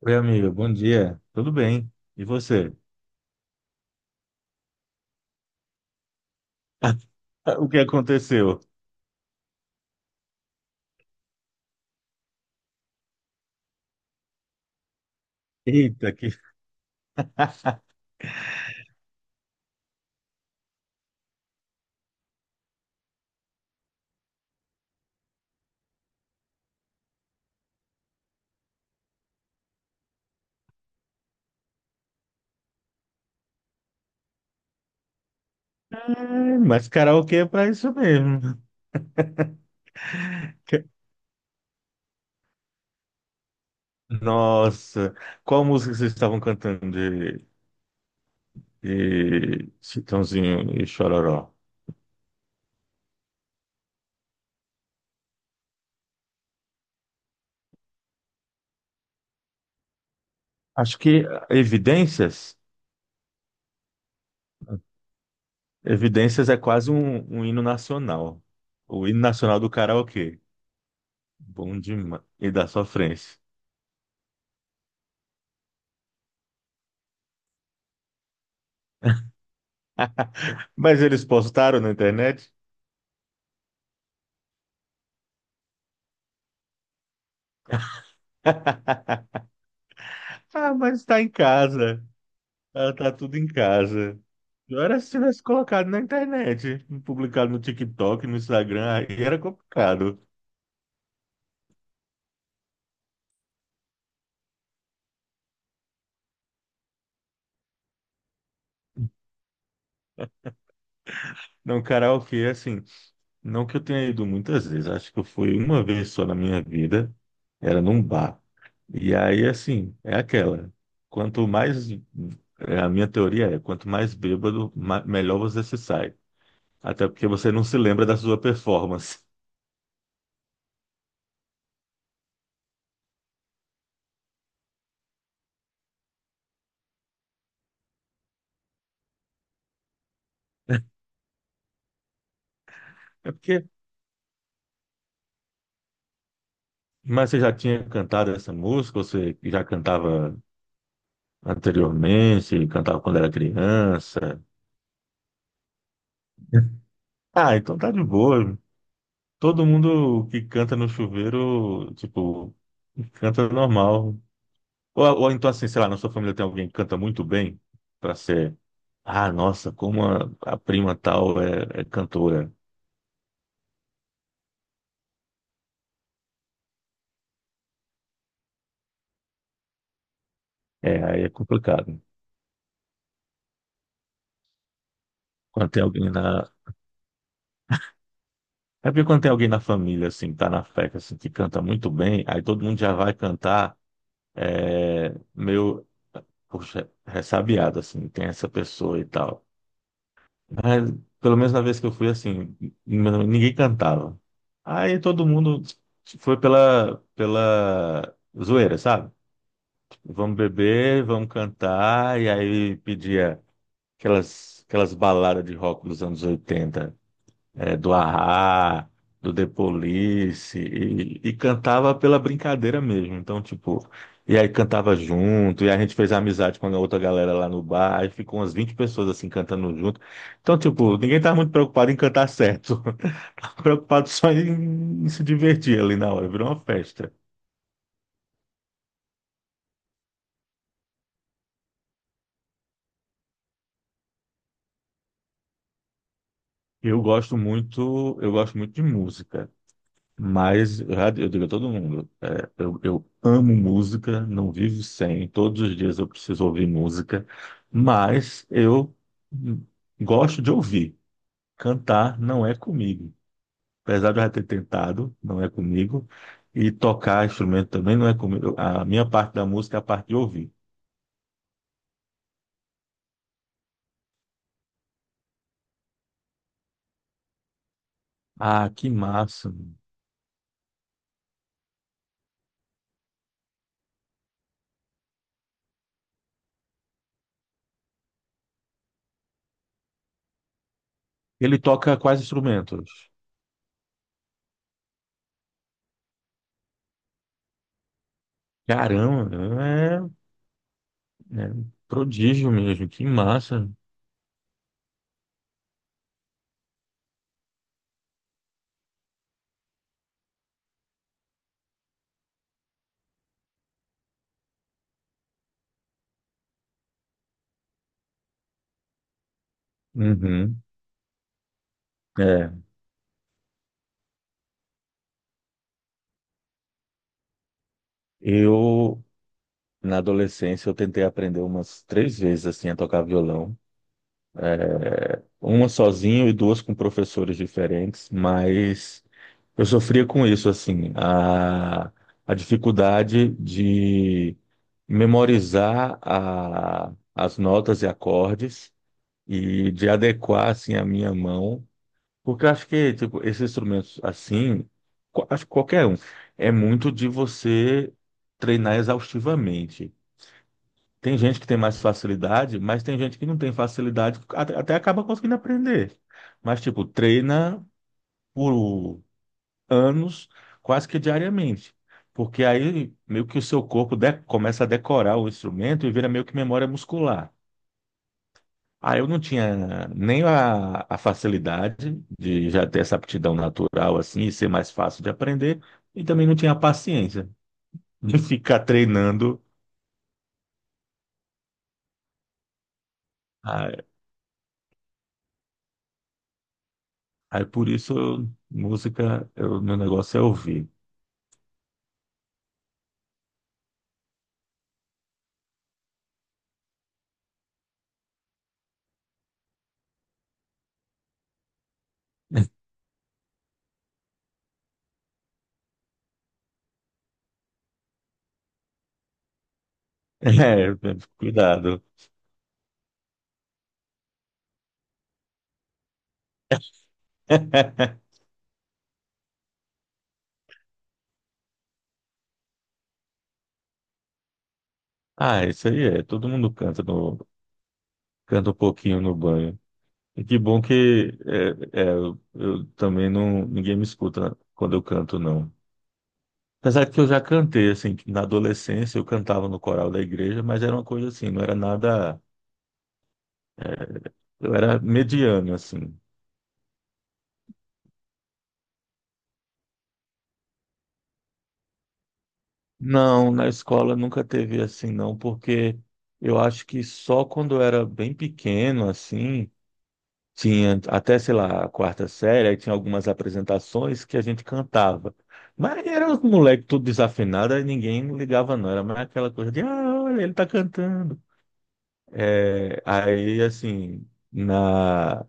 Oi, amiga, bom dia. Tudo bem? E você? O que aconteceu? Eita, que. Ai, mas karaokê é pra isso mesmo. Nossa, qual música vocês estavam cantando de Chitãozinho e Chororó? Acho que Evidências. Evidências é quase um hino nacional. O hino nacional do karaokê. Bom demais. E da sofrência. Mas eles postaram na internet? Ah, mas está em casa. Ela tá tudo em casa. Pior era se tivesse colocado na internet, publicado no TikTok, no Instagram, aí era complicado. Não, karaokê, assim, não que eu tenha ido muitas vezes, acho que eu fui uma vez só na minha vida, era num bar. E aí, assim, é aquela. Quanto mais, é, a minha teoria é, quanto mais bêbado, melhor você se sai. Até porque você não se lembra da sua performance. É porque, mas você já tinha cantado essa música, você já cantava anteriormente, cantava quando era criança. Ah, então tá de boa. Todo mundo que canta no chuveiro, tipo, canta normal. Ou então, assim, sei lá, na sua família tem alguém que canta muito bem, pra ser, ah, nossa, como a prima tal é cantora. É, aí é complicado. Quando tem alguém na. É porque quando tem alguém na família, assim, que tá na fé, assim, que canta muito bem, aí todo mundo já vai cantar. É, meio poxa, ressabiado, assim, tem essa pessoa e tal. Mas, pelo menos na vez que eu fui, assim, ninguém cantava. Aí todo mundo foi pela zoeira, sabe? Vamos beber, vamos cantar, e aí pedia aquelas baladas de rock dos anos 80 do Ahá, do The Police, e cantava pela brincadeira mesmo. Então, tipo, e aí cantava junto, e a gente fez amizade com a outra galera lá no bar, aí ficou umas 20 pessoas assim cantando junto. Então, tipo, ninguém tava muito preocupado em cantar certo, tava preocupado só em se divertir ali na hora, virou uma festa. Eu gosto muito de música. Mas eu digo a todo mundo, eu amo música, não vivo sem, todos os dias eu preciso ouvir música, mas eu hum, gosto de ouvir. Cantar não é comigo. Apesar de eu já ter tentado, não é comigo. E tocar instrumento também não é comigo. A minha parte da música é a parte de ouvir. Ah, que massa. Mano. Ele toca quais instrumentos? Caramba, é um prodígio mesmo, que massa. Uhum, é. Eu Na adolescência, eu tentei aprender umas três vezes assim a tocar violão, uma sozinho e duas com professores diferentes, mas eu sofria com isso assim, a dificuldade de memorizar as notas e acordes e de adequar assim a minha mão, porque eu acho que tipo esses instrumentos assim, acho que qualquer um, é muito de você treinar exaustivamente. Tem gente que tem mais facilidade, mas tem gente que não tem facilidade, até acaba conseguindo aprender. Mas, tipo, treina por anos, quase que diariamente. Porque aí meio que o seu corpo começa a decorar o instrumento e vira meio que memória muscular. Aí eu não tinha nem a facilidade de já ter essa aptidão natural assim e ser mais fácil de aprender, e também não tinha a paciência de ficar treinando. Ah, aí por isso, música, meu negócio é ouvir. É, cuidado. Ah, isso aí é. Todo mundo canta um pouquinho no banho. E que bom que é, eu também não, ninguém me escuta quando eu canto, não. Apesar que eu já cantei, assim, que na adolescência eu cantava no coral da igreja, mas era uma coisa assim, não era nada, é, eu era mediano, assim. Não, na escola nunca teve assim, não, porque eu acho que só quando eu era bem pequeno, assim, tinha até, sei lá, a quarta série, aí tinha algumas apresentações que a gente cantava. Mas era os moleques tudo desafinado, aí ninguém ligava, não. Era mais aquela coisa de, ah, olha, ele tá cantando. É, aí, assim, na.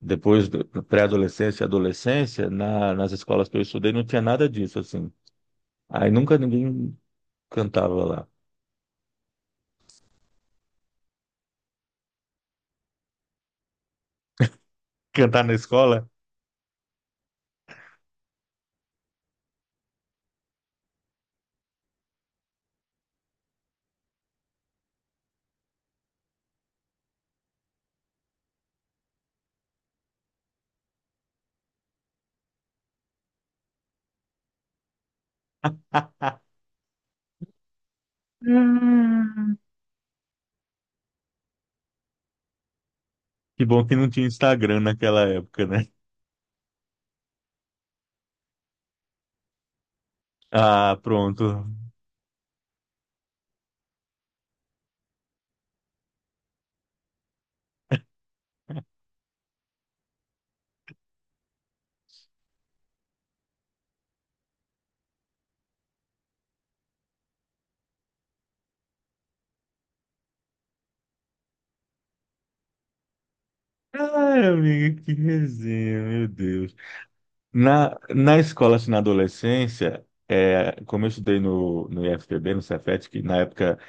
Depois, na pré-adolescência, e adolescência, nas escolas que eu estudei, não tinha nada disso, assim. Aí nunca ninguém cantava lá. Cantar na escola? Hum. Que bom que não tinha Instagram naquela época, né? Ah, pronto. Ai, amiga, que resenha, meu Deus. Na escola, assim, na adolescência, é, como eu estudei no IFPB, no Cefet, que na época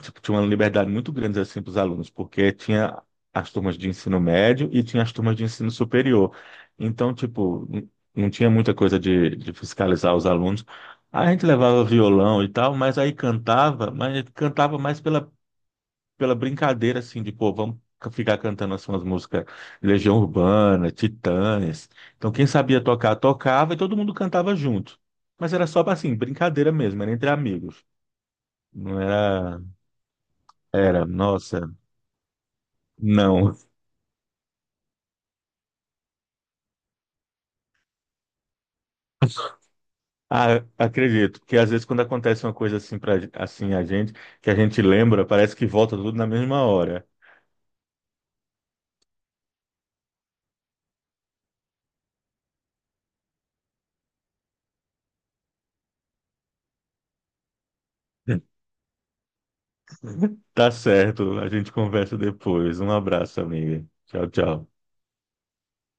tipo, tinha uma liberdade muito grande assim para os alunos, porque tinha as turmas de ensino médio e tinha as turmas de ensino superior. Então, tipo, não tinha muita coisa de fiscalizar os alunos. A gente levava violão e tal, mas aí cantava, mas cantava mais pela brincadeira, assim, de, pô, vamos ficar cantando assim, umas músicas Legião Urbana, Titãs. Então, quem sabia tocar, tocava e todo mundo cantava junto. Mas era só, assim, brincadeira mesmo, era entre amigos. Não era. Era, nossa. Não. Ah, acredito, porque às vezes quando acontece uma coisa assim para assim a gente, que a gente lembra, parece que volta tudo na mesma hora. Tá certo, a gente conversa depois. Um abraço, amiga. Tchau, tchau.